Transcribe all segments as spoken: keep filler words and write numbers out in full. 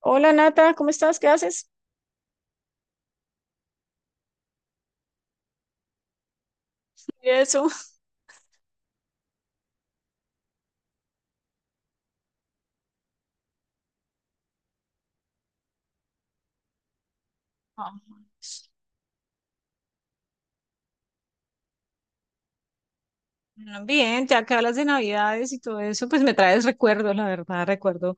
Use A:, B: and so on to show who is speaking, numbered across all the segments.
A: Hola Nata, ¿cómo estás? ¿Qué haces? Y eso. Ah, bueno, bien, ya que hablas de Navidades y todo eso, pues me traes recuerdos, la verdad, recuerdo.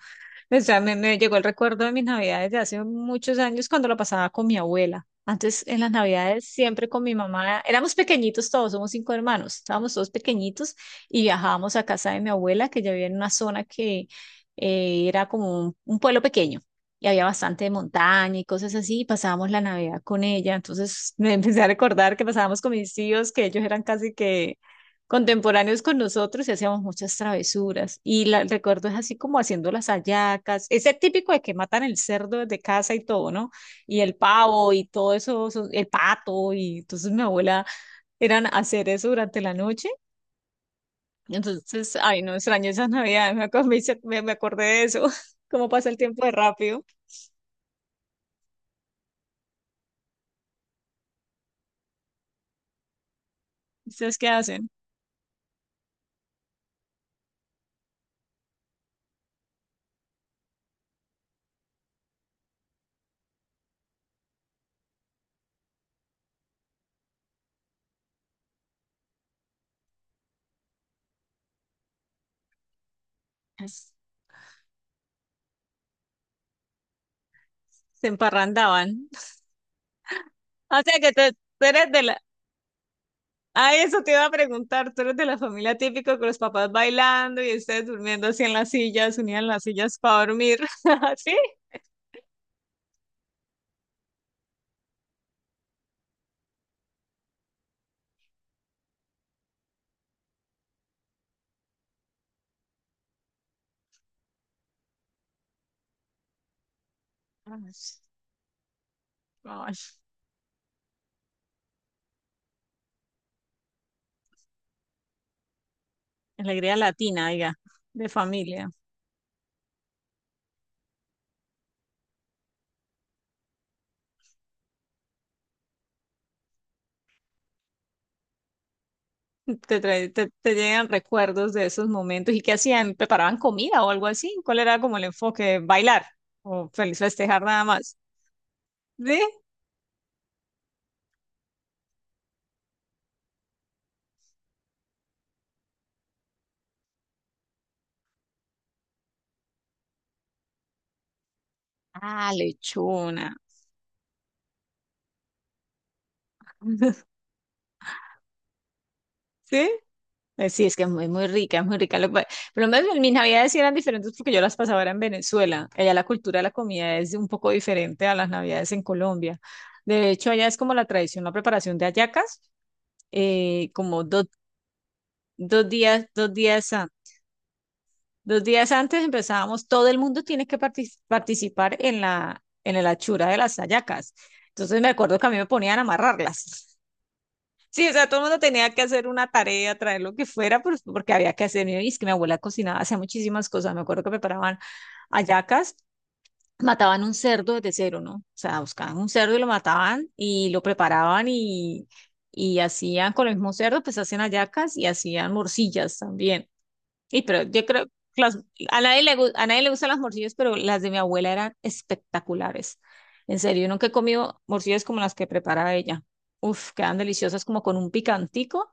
A: O sea, me, me llegó el recuerdo de mis navidades de hace muchos años cuando lo pasaba con mi abuela. Antes, en las navidades, siempre con mi mamá. Éramos pequeñitos todos, somos cinco hermanos. Estábamos todos pequeñitos y viajábamos a casa de mi abuela, que ya vivía en una zona que eh, era como un, un pueblo pequeño. Y había bastante montaña y cosas así, y pasábamos la Navidad con ella. Entonces me empecé a recordar que pasábamos con mis tíos, que ellos eran casi que contemporáneos con nosotros y hacíamos muchas travesuras. Y la, recuerdo es así como haciendo las hallacas, ese típico de que matan el cerdo desde casa y todo, ¿no? Y el pavo y todo eso, eso- el pato. Y entonces mi abuela eran hacer eso durante la noche. Entonces, ay, no extraño esas navidades. me, acu- me, hice- me- me acordé de eso. Cómo pasa el tiempo de rápido. ¿Ustedes qué hacen? Se emparrandaban. O sea que tú tú eres de la, ah, eso te iba a preguntar. Tú eres de la familia típico con los papás bailando y ustedes durmiendo así en las sillas, unían las sillas para dormir. ¿Sí? Ay, ay, alegría latina, diga, de familia. Te, trae- te, te llegan recuerdos de esos momentos. ¿Y qué hacían? ¿Preparaban comida o algo así? ¿Cuál era como el enfoque? ¿Bailar? ¿O feliz festejar nada más? ¿Sí? Ah, lechona. ¿Sí? Eh, sí, es que es muy, muy rica, es muy rica. Lo, que- pero más bien, mis navidades sí eran diferentes porque yo las pasaba era en Venezuela. Allá la cultura de la comida es un poco diferente a las navidades en Colombia. De hecho, allá es como la tradición, la preparación de hallacas. Eh, como do- dos días, dos días, an- dos días antes empezábamos, todo el mundo tiene que partic- participar en la, en la hechura de las hallacas. Entonces me acuerdo que a mí me ponían a amarrarlas. Sí, o sea, todo el mundo tenía que hacer una tarea, traer lo que fuera, pues, porque había que hacer. Y es que mi abuela cocinaba, hacía muchísimas cosas. Me acuerdo que preparaban hallacas, mataban un cerdo desde cero, ¿no? O sea, buscaban un cerdo y lo mataban y lo preparaban y, y hacían con el mismo cerdo, pues hacían hallacas y hacían morcillas también. Y pero yo creo que las- a nadie le, gu- a nadie le gustan las morcillas, pero las de mi abuela eran espectaculares. En serio, yo nunca he comido morcillas como las que preparaba ella. Uf, quedan deliciosas como con un picantico.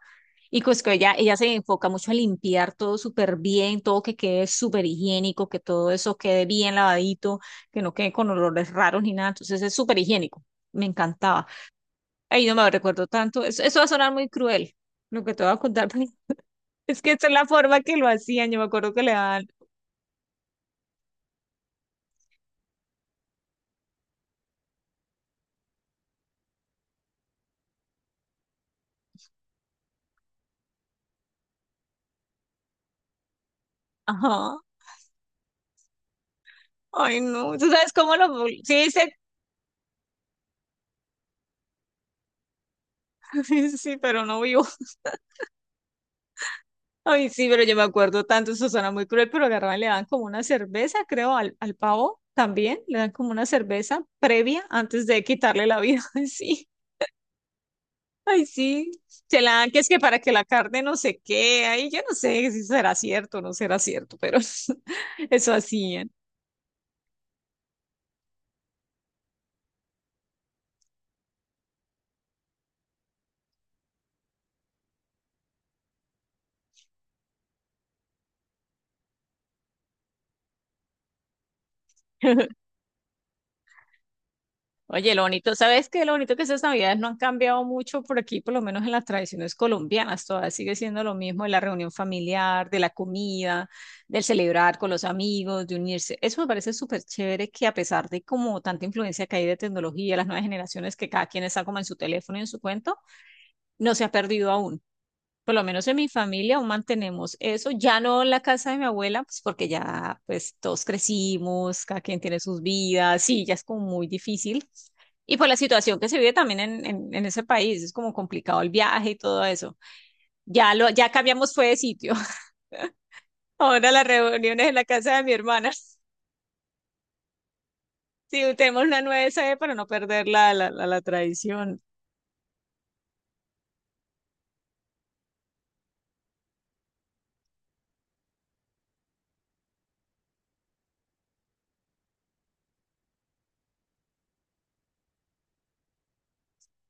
A: Y pues que ella, ella se enfoca mucho a limpiar todo súper bien, todo que quede súper higiénico, que todo eso quede bien lavadito, que no quede con olores raros ni nada. Entonces es súper higiénico. Me encantaba. Ay, no me recuerdo tanto. Eso, eso va a sonar muy cruel, lo que te voy a contar. Es que esa es la forma que lo hacían, yo me acuerdo que le daban, ajá, ay no, tú sabes cómo lo, sí, sí. Sí, sí, pero no vivo, ay sí, pero yo me acuerdo tanto, eso suena muy cruel, pero agarraban, le dan como una cerveza, creo, al, al pavo también, le dan como una cerveza previa antes de quitarle la vida. Ay sí, ay sí, se la dan que es que para que la carne no se quede, ay yo no sé si será cierto o no será cierto, pero eso hacían. Oye, lo bonito, ¿sabes qué? Lo bonito que estas navidades no han cambiado mucho por aquí, por lo menos en las tradiciones colombianas, todavía sigue siendo lo mismo de la reunión familiar, de la comida, del celebrar con los amigos, de unirse. Eso me parece súper chévere que a pesar de como tanta influencia que hay de tecnología, las nuevas generaciones que cada quien está como en su teléfono y en su cuento, no se ha perdido aún. Por lo menos en mi familia aún mantenemos eso, ya no en la casa de mi abuela, pues porque ya pues todos crecimos, cada quien tiene sus vidas, sí, ya es como muy difícil. Y por la situación que se vive también en, en, en ese país, es como complicado el viaje y todo eso. Ya lo, ya cambiamos fue de sitio. Ahora las reuniones en la casa de mi hermana. Sí, tenemos una nueva sede para no perder la, la, la, la tradición.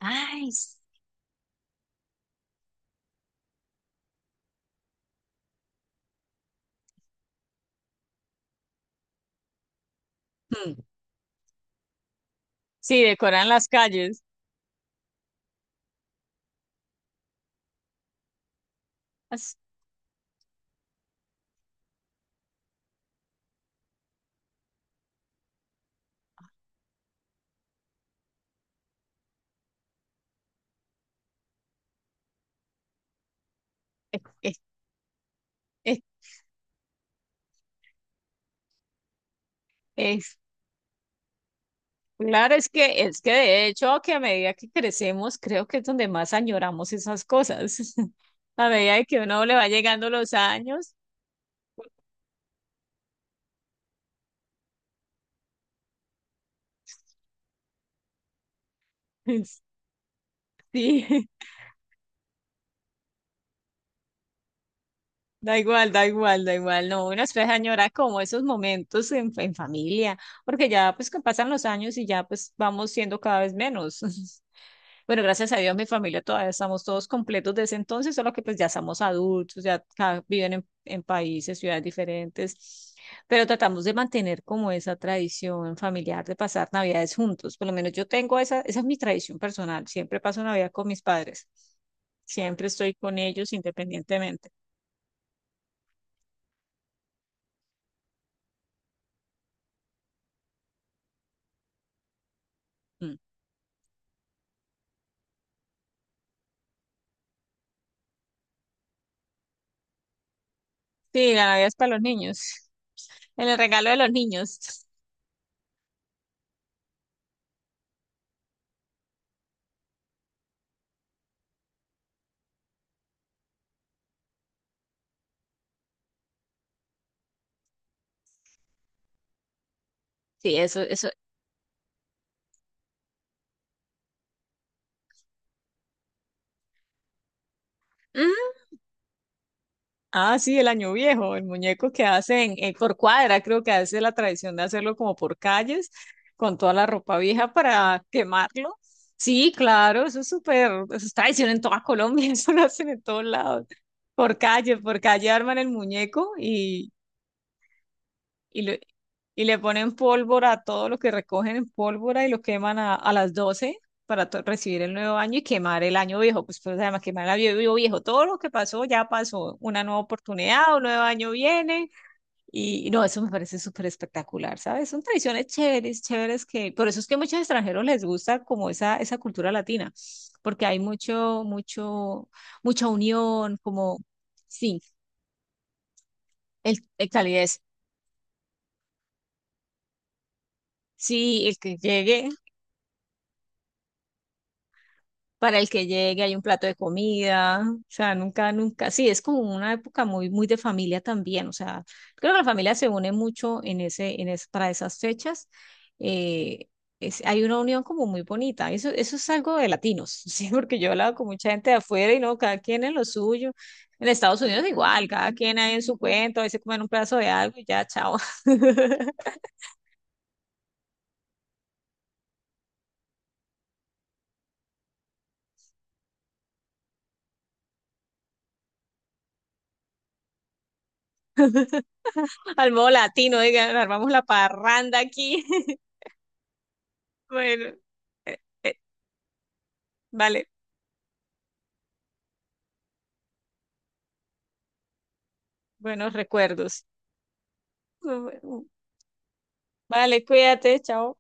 A: Ay, s- Mm. Sí, decoran las calles. As- eh, eh, eh, eh. Claro, es que, es que de hecho que a medida que crecemos, creo que es donde más añoramos esas cosas. A medida de que uno le va llegando los años. Sí, da igual, da igual, da igual. No, uno después añora como esos momentos en, en familia, porque ya pues que pasan los años y ya pues vamos siendo cada vez menos. Bueno, gracias a Dios, mi familia todavía estamos todos completos desde entonces, solo que pues ya somos adultos, ya ca- viven en, en países, ciudades diferentes, pero tratamos de mantener como esa tradición familiar de pasar Navidades juntos. Por lo menos yo tengo esa, esa es mi tradición personal. Siempre paso Navidad con mis padres. Siempre estoy con ellos independientemente. Mm. Sí, la Navidad es para los niños. En el regalo de los niños. Sí, eso, eso. Ah, sí, el año viejo, el muñeco que hacen eh, por cuadra, creo que hace la tradición de hacerlo como por calles, con toda la ropa vieja para quemarlo. Sí, claro, eso es súper, eso es tradición en toda Colombia. Eso lo hacen en todos lados. Por calle, por calle arman el muñeco y y, le- y le ponen pólvora a todo lo que recogen en pólvora y lo queman a, a las doce para to- recibir el nuevo año y quemar el año viejo. Pues, pues además, quemar el año viejo, viejo. Todo lo que pasó ya pasó. Una nueva oportunidad, un nuevo año viene. Y no, eso me parece súper espectacular, ¿sabes? Son tradiciones chéveres, chéveres que, por eso es que a muchos extranjeros les gusta como esa, esa cultura latina, porque hay mucho, mucho, mucha unión, como, sí, el, el calidez. Sí, el que llegue, para el que llegue hay un plato de comida, o sea, nunca, nunca, sí, es como una época muy, muy de familia también, o sea, creo que la familia se une mucho en ese, en es- para esas fechas, eh, es- hay una unión como muy bonita, eso, eso es algo de latinos. Sí, porque yo he hablado con mucha gente de afuera y no, cada quien en lo suyo, en Estados Unidos igual, cada quien ahí en su cuento, a veces comen un pedazo de algo y ya, chao. Al modo latino, digan, armamos la parranda aquí. Bueno, eh, eh, vale. Buenos recuerdos. Vale, cuídate, chao.